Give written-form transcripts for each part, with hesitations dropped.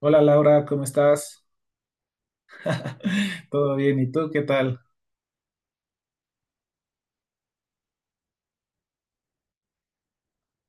Hola Laura, ¿cómo estás? ¿Todo bien? ¿Y tú qué tal?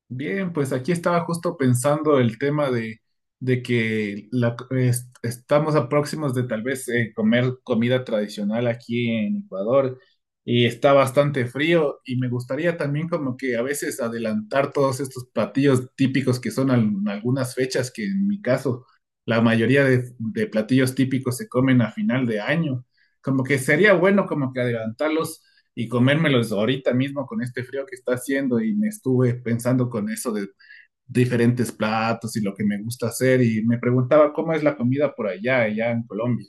Bien, pues aquí estaba justo pensando el tema de que estamos a próximos de tal vez comer comida tradicional aquí en Ecuador. Y está bastante frío, y me gustaría también, como que, a veces adelantar todos estos platillos típicos que son en algunas fechas, que en mi caso la mayoría de platillos típicos se comen a final de año. Como que sería bueno como que adelantarlos y comérmelos ahorita mismo con este frío que está haciendo. Y me estuve pensando con eso de diferentes platos y lo que me gusta hacer, y me preguntaba cómo es la comida por allá, allá en Colombia.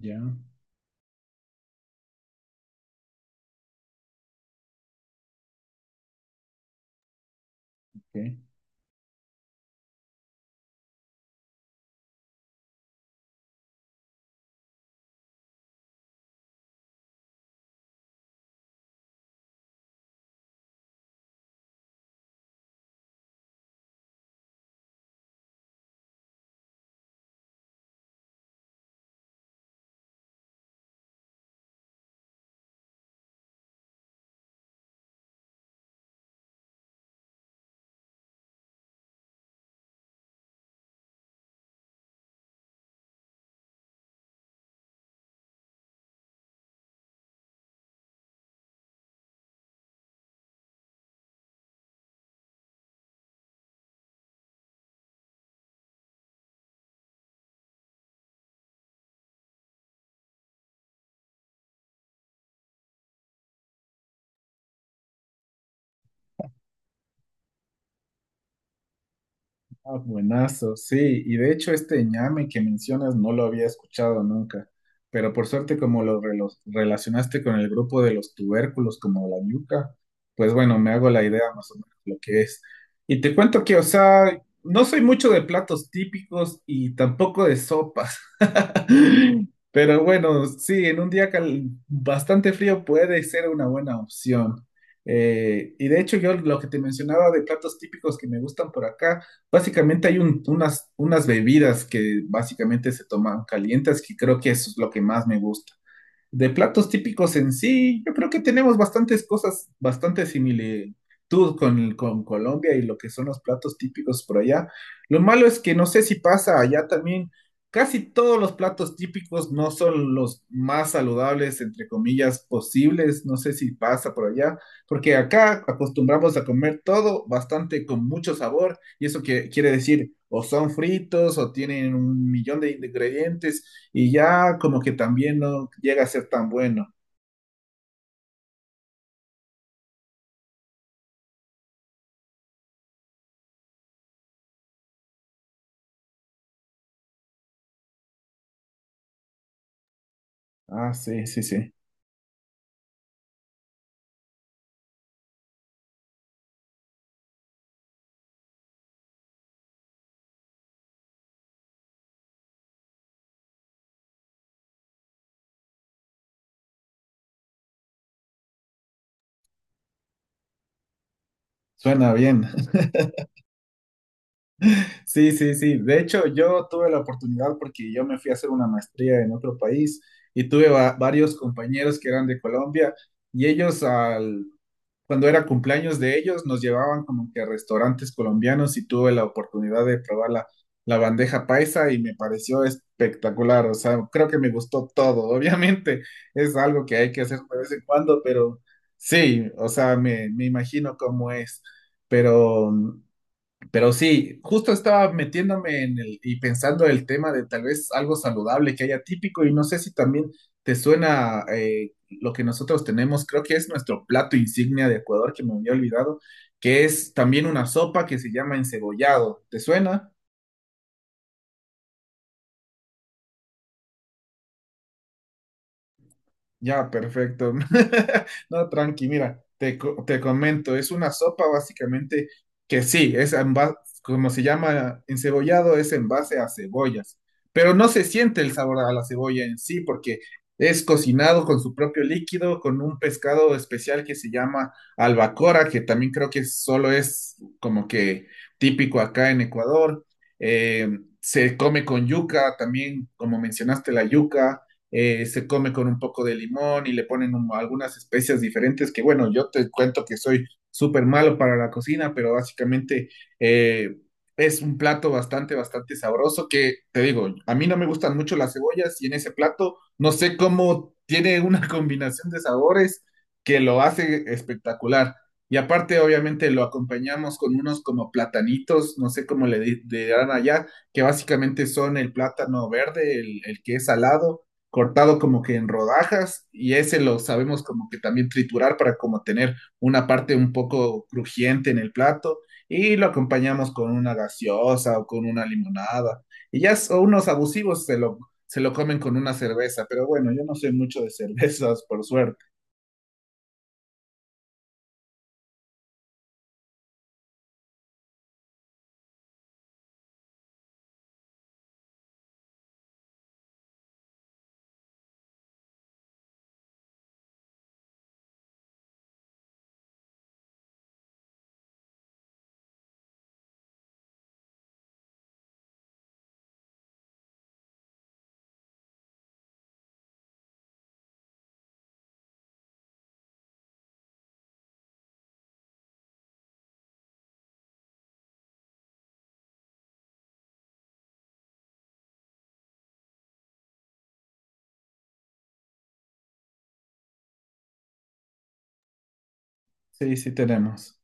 Ya, ok. Ah, buenazo, sí, y de hecho este ñame que mencionas no lo había escuchado nunca, pero por suerte, como lo relacionaste con el grupo de los tubérculos como la yuca, pues bueno, me hago la idea más o menos lo que es. Y te cuento que, o sea, no soy mucho de platos típicos y tampoco de sopas, pero bueno, sí, en un día bastante frío puede ser una buena opción. Y de hecho yo lo que te mencionaba de platos típicos que me gustan por acá, básicamente hay unas bebidas que básicamente se toman calientes, que creo que eso es lo que más me gusta. De platos típicos en sí, yo creo que tenemos bastantes cosas, bastante similitud con Colombia y lo que son los platos típicos por allá. Lo malo es que no sé si pasa allá también. Casi todos los platos típicos no son los más saludables, entre comillas, posibles. No sé si pasa por allá, porque acá acostumbramos a comer todo bastante con mucho sabor, y eso que quiere decir: o son fritos o tienen un millón de ingredientes y ya, como que también, no llega a ser tan bueno. Ah, sí, sí, sí. Suena bien. Sí, sí, sí. De hecho, yo tuve la oportunidad, porque yo me fui a hacer una maestría en otro país, y tuve varios compañeros que eran de Colombia, y ellos al, cuando era cumpleaños de ellos, nos llevaban como que a restaurantes colombianos, y tuve la oportunidad de probar la bandeja paisa, y me pareció espectacular. O sea, creo que me gustó todo. Obviamente es algo que hay que hacer de vez en cuando, pero sí, o sea, me imagino cómo es. Pero pero sí, justo estaba metiéndome en el y pensando el tema de tal vez algo saludable que haya típico, y no sé si también te suena lo que nosotros tenemos, creo que es nuestro plato insignia de Ecuador, que me había olvidado, que es también una sopa, que se llama encebollado. ¿Te suena? Ya, perfecto. No, tranqui, mira, te comento, es una sopa básicamente que sí, es en como se llama encebollado, es en base a cebollas, pero no se siente el sabor a la cebolla en sí, porque es cocinado con su propio líquido, con un pescado especial que se llama albacora, que también creo que solo es como que típico acá en Ecuador. Eh, Se come con yuca, también como mencionaste la yuca. Se come con un poco de limón y le ponen algunas especias diferentes que, bueno, yo te cuento que soy súper malo para la cocina, pero básicamente, eh, es un plato bastante, bastante sabroso, que te digo, a mí no me gustan mucho las cebollas y en ese plato no sé cómo tiene una combinación de sabores que lo hace espectacular. Y aparte, obviamente, lo acompañamos con unos como platanitos, no sé cómo le dirán allá, que básicamente son el plátano verde, el que es salado, cortado como que en rodajas, y ese lo sabemos como que también triturar para como tener una parte un poco crujiente en el plato, y lo acompañamos con una gaseosa o con una limonada. Y ya son unos abusivos, se lo comen con una cerveza, pero bueno, yo no soy mucho de cervezas, por suerte. Sí, sí tenemos.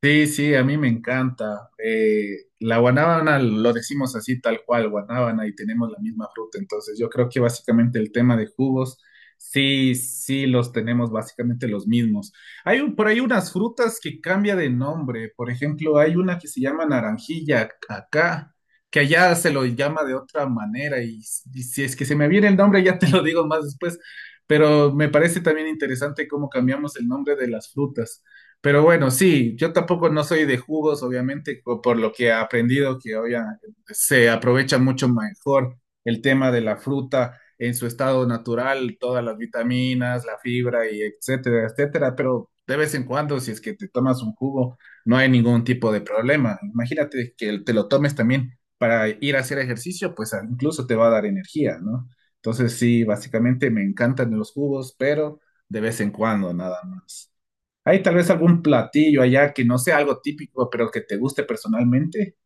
Sí, sí, a mí me encanta. La guanábana lo decimos así tal cual, guanábana, y tenemos la misma fruta. Entonces yo creo que básicamente el tema de jugos, sí, sí los tenemos básicamente los mismos. Hay por ahí unas frutas que cambia de nombre. Por ejemplo, hay una que se llama naranjilla acá, que allá se lo llama de otra manera. Y, y si es que se me viene el nombre, ya te lo digo más después. Pero me parece también interesante cómo cambiamos el nombre de las frutas. Pero bueno, sí, yo tampoco no soy de jugos, obviamente, por lo que he aprendido, que hoy se aprovecha mucho mejor el tema de la fruta en su estado natural, todas las vitaminas, la fibra y etcétera, etcétera. Pero de vez en cuando, si es que te tomas un jugo, no hay ningún tipo de problema. Imagínate que te lo tomes también para ir a hacer ejercicio, pues incluso te va a dar energía, ¿no? Entonces sí, básicamente me encantan los jugos, pero de vez en cuando, nada más. Hay tal vez algún platillo allá que no sea algo típico, pero que te guste personalmente.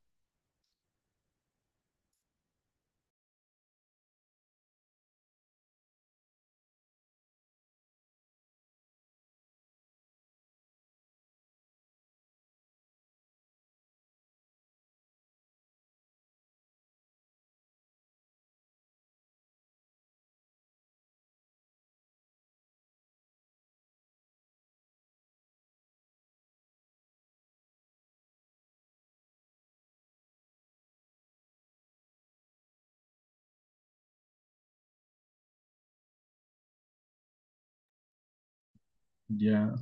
Ya,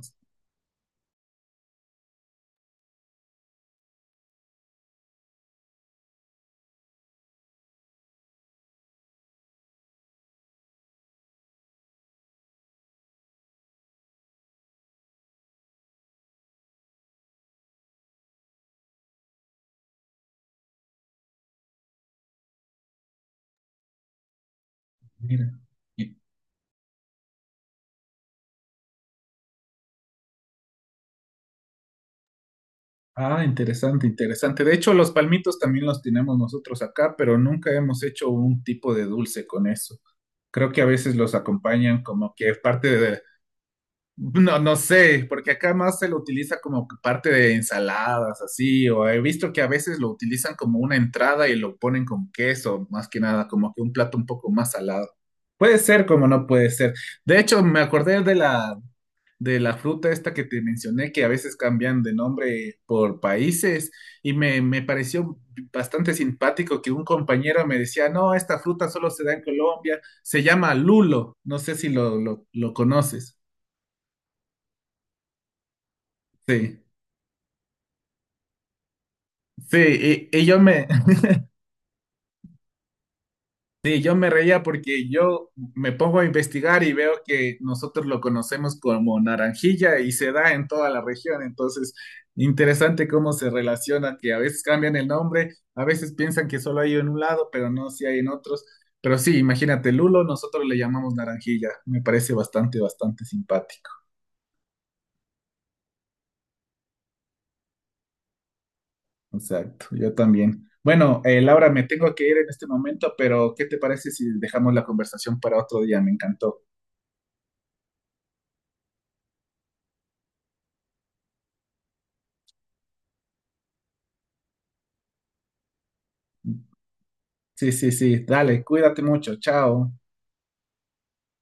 mira. Y- Ah, interesante, interesante. De hecho, los palmitos también los tenemos nosotros acá, pero nunca hemos hecho un tipo de dulce con eso. Creo que a veces los acompañan como que es parte de, no, no sé, porque acá más se lo utiliza como que parte de ensaladas, así, o he visto que a veces lo utilizan como una entrada y lo ponen con queso, más que nada, como que un plato un poco más salado. Puede ser como no puede ser. De hecho, me acordé de de la fruta esta que te mencioné, que a veces cambian de nombre por países, y me pareció bastante simpático que un compañero me decía, no, esta fruta solo se da en Colombia, se llama lulo, no sé si lo conoces. Sí. Sí, y yo me, sí, yo me reía porque yo me pongo a investigar y veo que nosotros lo conocemos como naranjilla y se da en toda la región. Entonces, interesante cómo se relaciona, que a veces cambian el nombre, a veces piensan que solo hay en un lado, pero no, si hay en otros. Pero sí, imagínate, lulo, nosotros le llamamos naranjilla. Me parece bastante, bastante simpático. Exacto, yo también. Bueno, Laura, me tengo que ir en este momento, pero ¿qué te parece si dejamos la conversación para otro día? Me encantó. Sí, sí, sí. Dale, cuídate mucho. Chao.